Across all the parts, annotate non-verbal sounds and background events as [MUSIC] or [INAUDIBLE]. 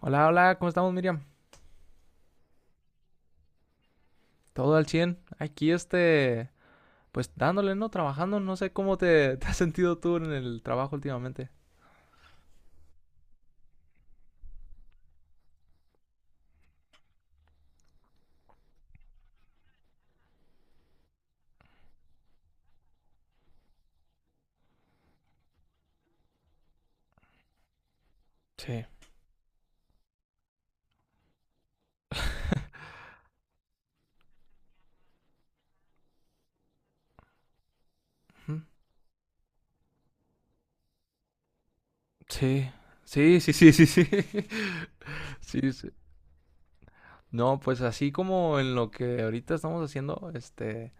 Hola, hola, ¿cómo estamos, Miriam? Todo al 100. Aquí, pues dándole, ¿no? Trabajando. No sé cómo [LAUGHS] te has sentido tú en el trabajo últimamente. Sí. Ujú. Sí. Sí, sí, sí, sí, sí. [LAUGHS] Sí, sí. No, pues así como en lo que ahorita estamos haciendo,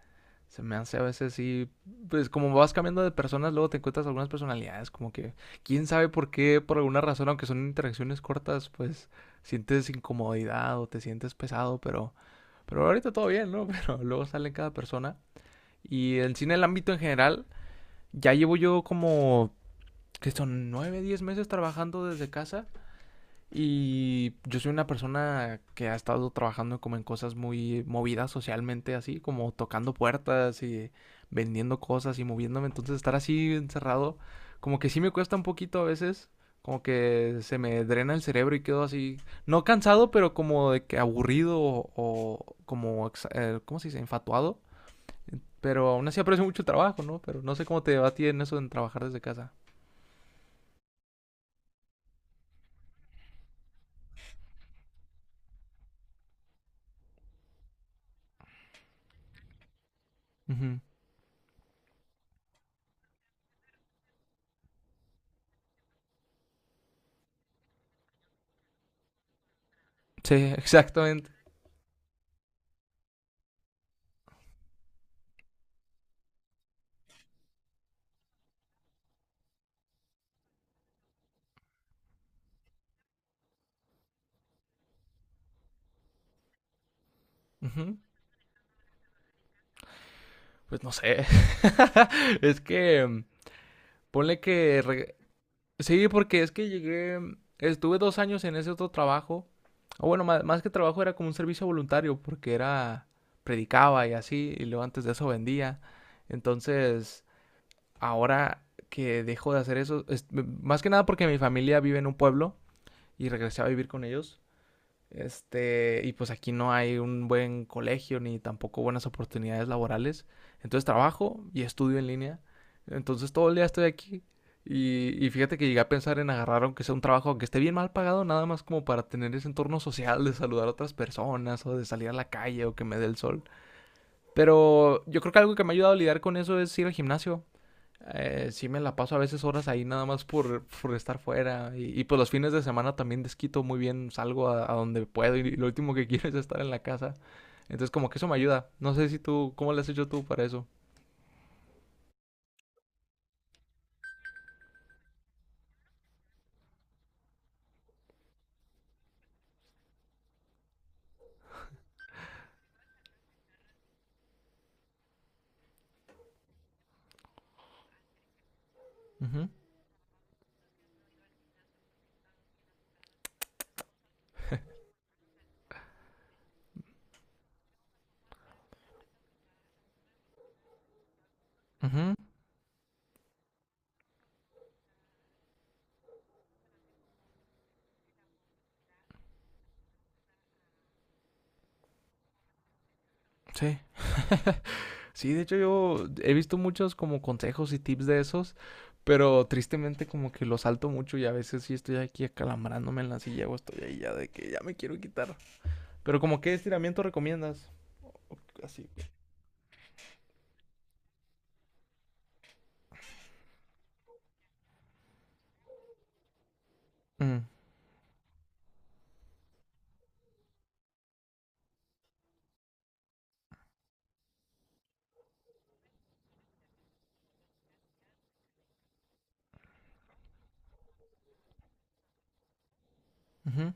se me hace a veces sí, pues como vas cambiando de personas, luego te encuentras algunas personalidades, como que quién sabe por qué, por alguna razón, aunque son interacciones cortas, pues sientes incomodidad o te sientes pesado, pero... pero ahorita todo bien, ¿no? [LAUGHS] Pero luego sale cada persona. Y el cine, el ámbito en general, ya llevo yo como, ¿que son? 9 10 meses trabajando desde casa. Y yo soy una persona que ha estado trabajando como en cosas muy movidas socialmente, así como tocando puertas y vendiendo cosas y moviéndome. Entonces estar así encerrado, como que sí me cuesta un poquito a veces, como que se me drena el cerebro y quedo así, no cansado, pero como de que aburrido o como, ¿cómo se dice? Enfatuado. Pero aún así aprecio mucho el trabajo, ¿no? Pero no sé cómo te va a ti en eso en trabajar desde casa. Ujú. Sí, [LAUGHS] exactamente. Pues no sé. [LAUGHS] es que, ponle que... sí, porque es que llegué... Estuve 2 años en ese otro trabajo. O bueno, más que trabajo era como un servicio voluntario, porque era... Predicaba y así, y luego antes de eso vendía. Entonces, ahora que dejo de hacer eso, más que nada porque mi familia vive en un pueblo y regresé a vivir con ellos. Y pues aquí no hay un buen colegio ni tampoco buenas oportunidades laborales. Entonces trabajo y estudio en línea. Entonces todo el día estoy aquí. Y fíjate que llegué a pensar en agarrar, aunque sea un trabajo, aunque esté bien mal pagado, nada más como para tener ese entorno social de saludar a otras personas o de salir a la calle o que me dé el sol. Pero yo creo que algo que me ha ayudado a lidiar con eso es ir al gimnasio. Sí me la paso a veces horas ahí nada más por estar fuera. Y, pues los fines de semana también desquito muy bien, salgo a donde puedo y, lo último que [LAUGHS] quiero es estar en la casa. Entonces como que eso me ayuda. No sé si tú, ¿cómo le has hecho tú para eso? Ujú, ujú, sí. Sí, de hecho yo he visto muchos como consejos y tips de esos, pero tristemente como que los salto mucho y a veces sí estoy aquí acalambrándome en la silla o estoy ahí ya de que ya me quiero quitar. Pero ¿como qué estiramiento recomiendas? O- así. Mm, ujú,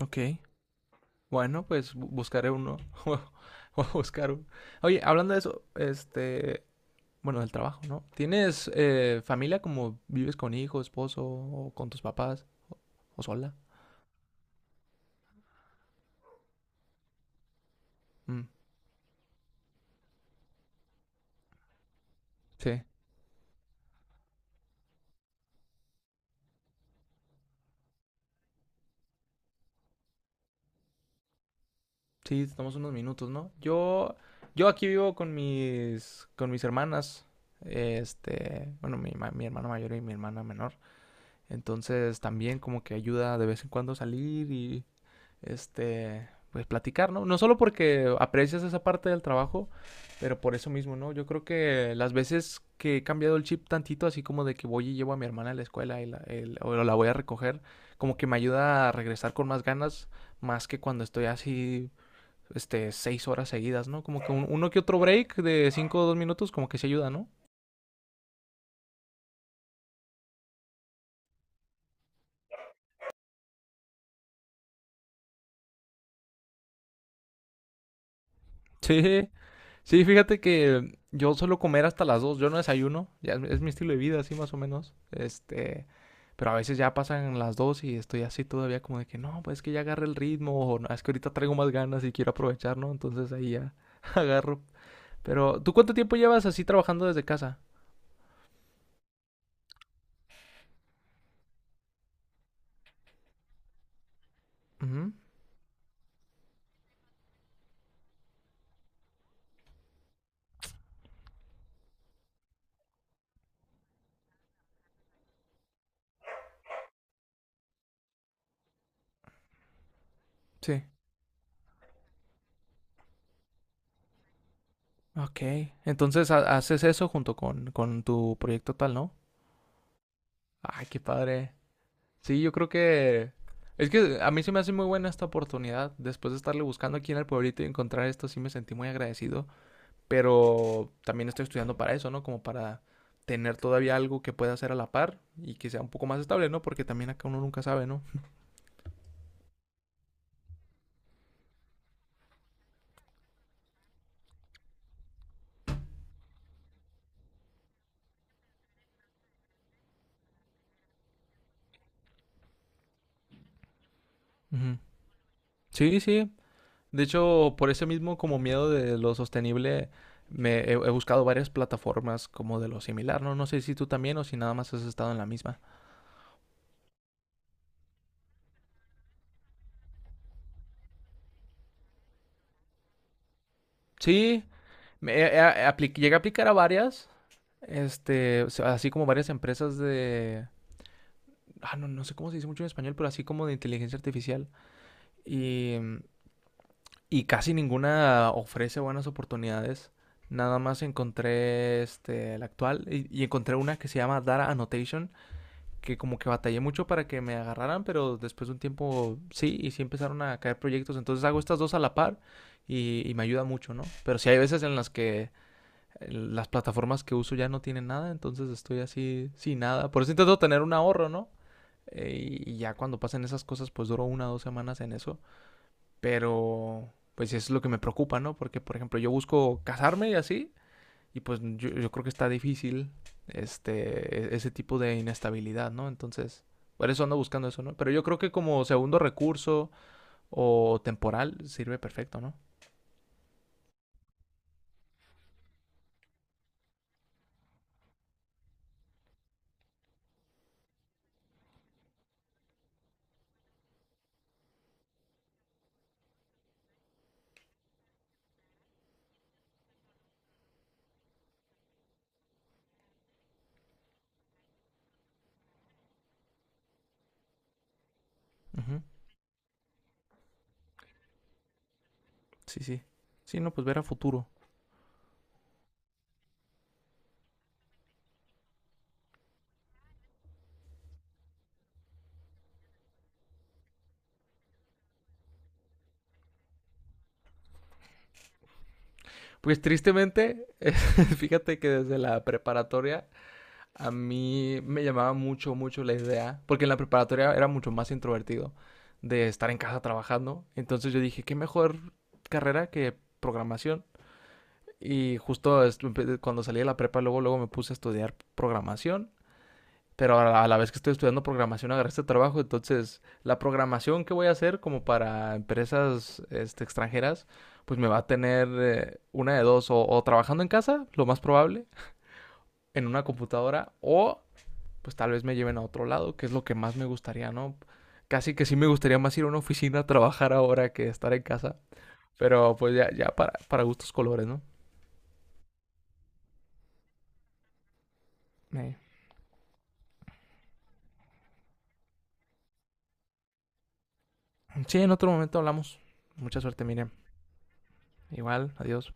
ok. Bueno, pues buscaré uno. [LAUGHS] Voy a buscar uno. Oye, hablando de eso, bueno, del trabajo, ¿no? ¿Tienes familia como vives con hijo, esposo, o con tus papás, o sola? Mm, sí, sí, estamos unos minutos, ¿no? Yo aquí vivo con con mis hermanas. Bueno, mi hermano mayor y mi hermana menor. Entonces también como que ayuda de vez en cuando a salir y pues platicar, ¿no? No solo porque aprecias esa parte del trabajo, pero por eso mismo, ¿no? Yo creo que las veces que he cambiado el chip tantito, así como de que voy y llevo a mi hermana a la escuela o la voy a recoger, como que me ayuda a regresar con más ganas, más que cuando estoy así, 6 horas seguidas, ¿no? Como que uno que otro break de 5 o 2 minutos, como que se ayuda, ¿no? Sí, sí, fíjate que yo suelo comer hasta las 2. Yo no desayuno, es mi estilo de vida así más o menos, pero a veces ya pasan las 2 y estoy así todavía como de que no, pues es que ya agarré el ritmo o no, es que ahorita traigo más ganas y quiero aprovechar, ¿no? Entonces ahí ya [LAUGHS] agarro. Pero, ¿tú cuánto tiempo llevas así trabajando desde casa? Ujú, sí. Ok. Entonces haces eso junto con tu proyecto tal, ¿no? Ay, qué padre. Sí, yo creo que... es que a mí se me hace muy buena esta oportunidad. Después de estarle buscando aquí en el pueblito y encontrar esto, sí me sentí muy agradecido. Pero también estoy estudiando para eso, ¿no? Como para tener todavía algo que pueda hacer a la par y que sea un poco más estable, ¿no? Porque también acá uno nunca sabe, ¿no? Ujú. Sí, sí. De hecho, por ese mismo como miedo de lo sostenible, he buscado varias plataformas como de lo similar, ¿no? No sé si tú también o si nada más has estado en la misma. Sí, me- eh, eh, llegué a aplicar a varias, o sea, así como varias empresas de, ah, no, no sé cómo se dice mucho en español, pero así como de inteligencia artificial. Y, y casi ninguna ofrece buenas oportunidades. Nada más encontré este, la actual y encontré una que se llama Data Annotation, que como que batallé mucho para que me agarraran, pero después de un tiempo sí, y sí empezaron a caer proyectos. Entonces hago estas dos a la par y me ayuda mucho, ¿no? Pero sí hay veces en las que las plataformas que uso ya no tienen nada, entonces estoy así sin nada. Por eso intento tener un ahorro, ¿no? Y ya cuando pasen esas cosas, pues duro 1 o 2 semanas en eso. Pero, pues sí, es lo que me preocupa, ¿no? Porque, por ejemplo, yo busco casarme y así, y yo creo que está difícil ese tipo de inestabilidad, ¿no? Entonces, por eso ando buscando eso, ¿no? Pero yo creo que como segundo recurso o temporal sirve perfecto, ¿no? Ujú. Sí, sí. Sí, no, pues ver a futuro. Pues tristemente, [LAUGHS] fíjate que desde la preparatoria a mí me llamaba mucho, mucho la idea, porque en la preparatoria era mucho más introvertido de estar en casa trabajando. Entonces yo dije, qué mejor carrera que programación. Y justo cuando salí de la prepa, luego, luego me puse a estudiar programación, pero a la vez que estoy estudiando programación agarré este trabajo, entonces la programación que voy a hacer como para empresas este, extranjeras, pues me va a tener una de dos, o trabajando en casa, lo más probable, en una computadora, o pues tal vez me lleven a otro lado, que es lo que más me gustaría, ¿no? Casi que sí me gustaría más ir a una oficina a trabajar ahora que estar en casa, pero pues ya, ya para gustos colores, ¿no? Eh. Sí, en otro momento hablamos. Mucha suerte, Miriam. Igual, adiós.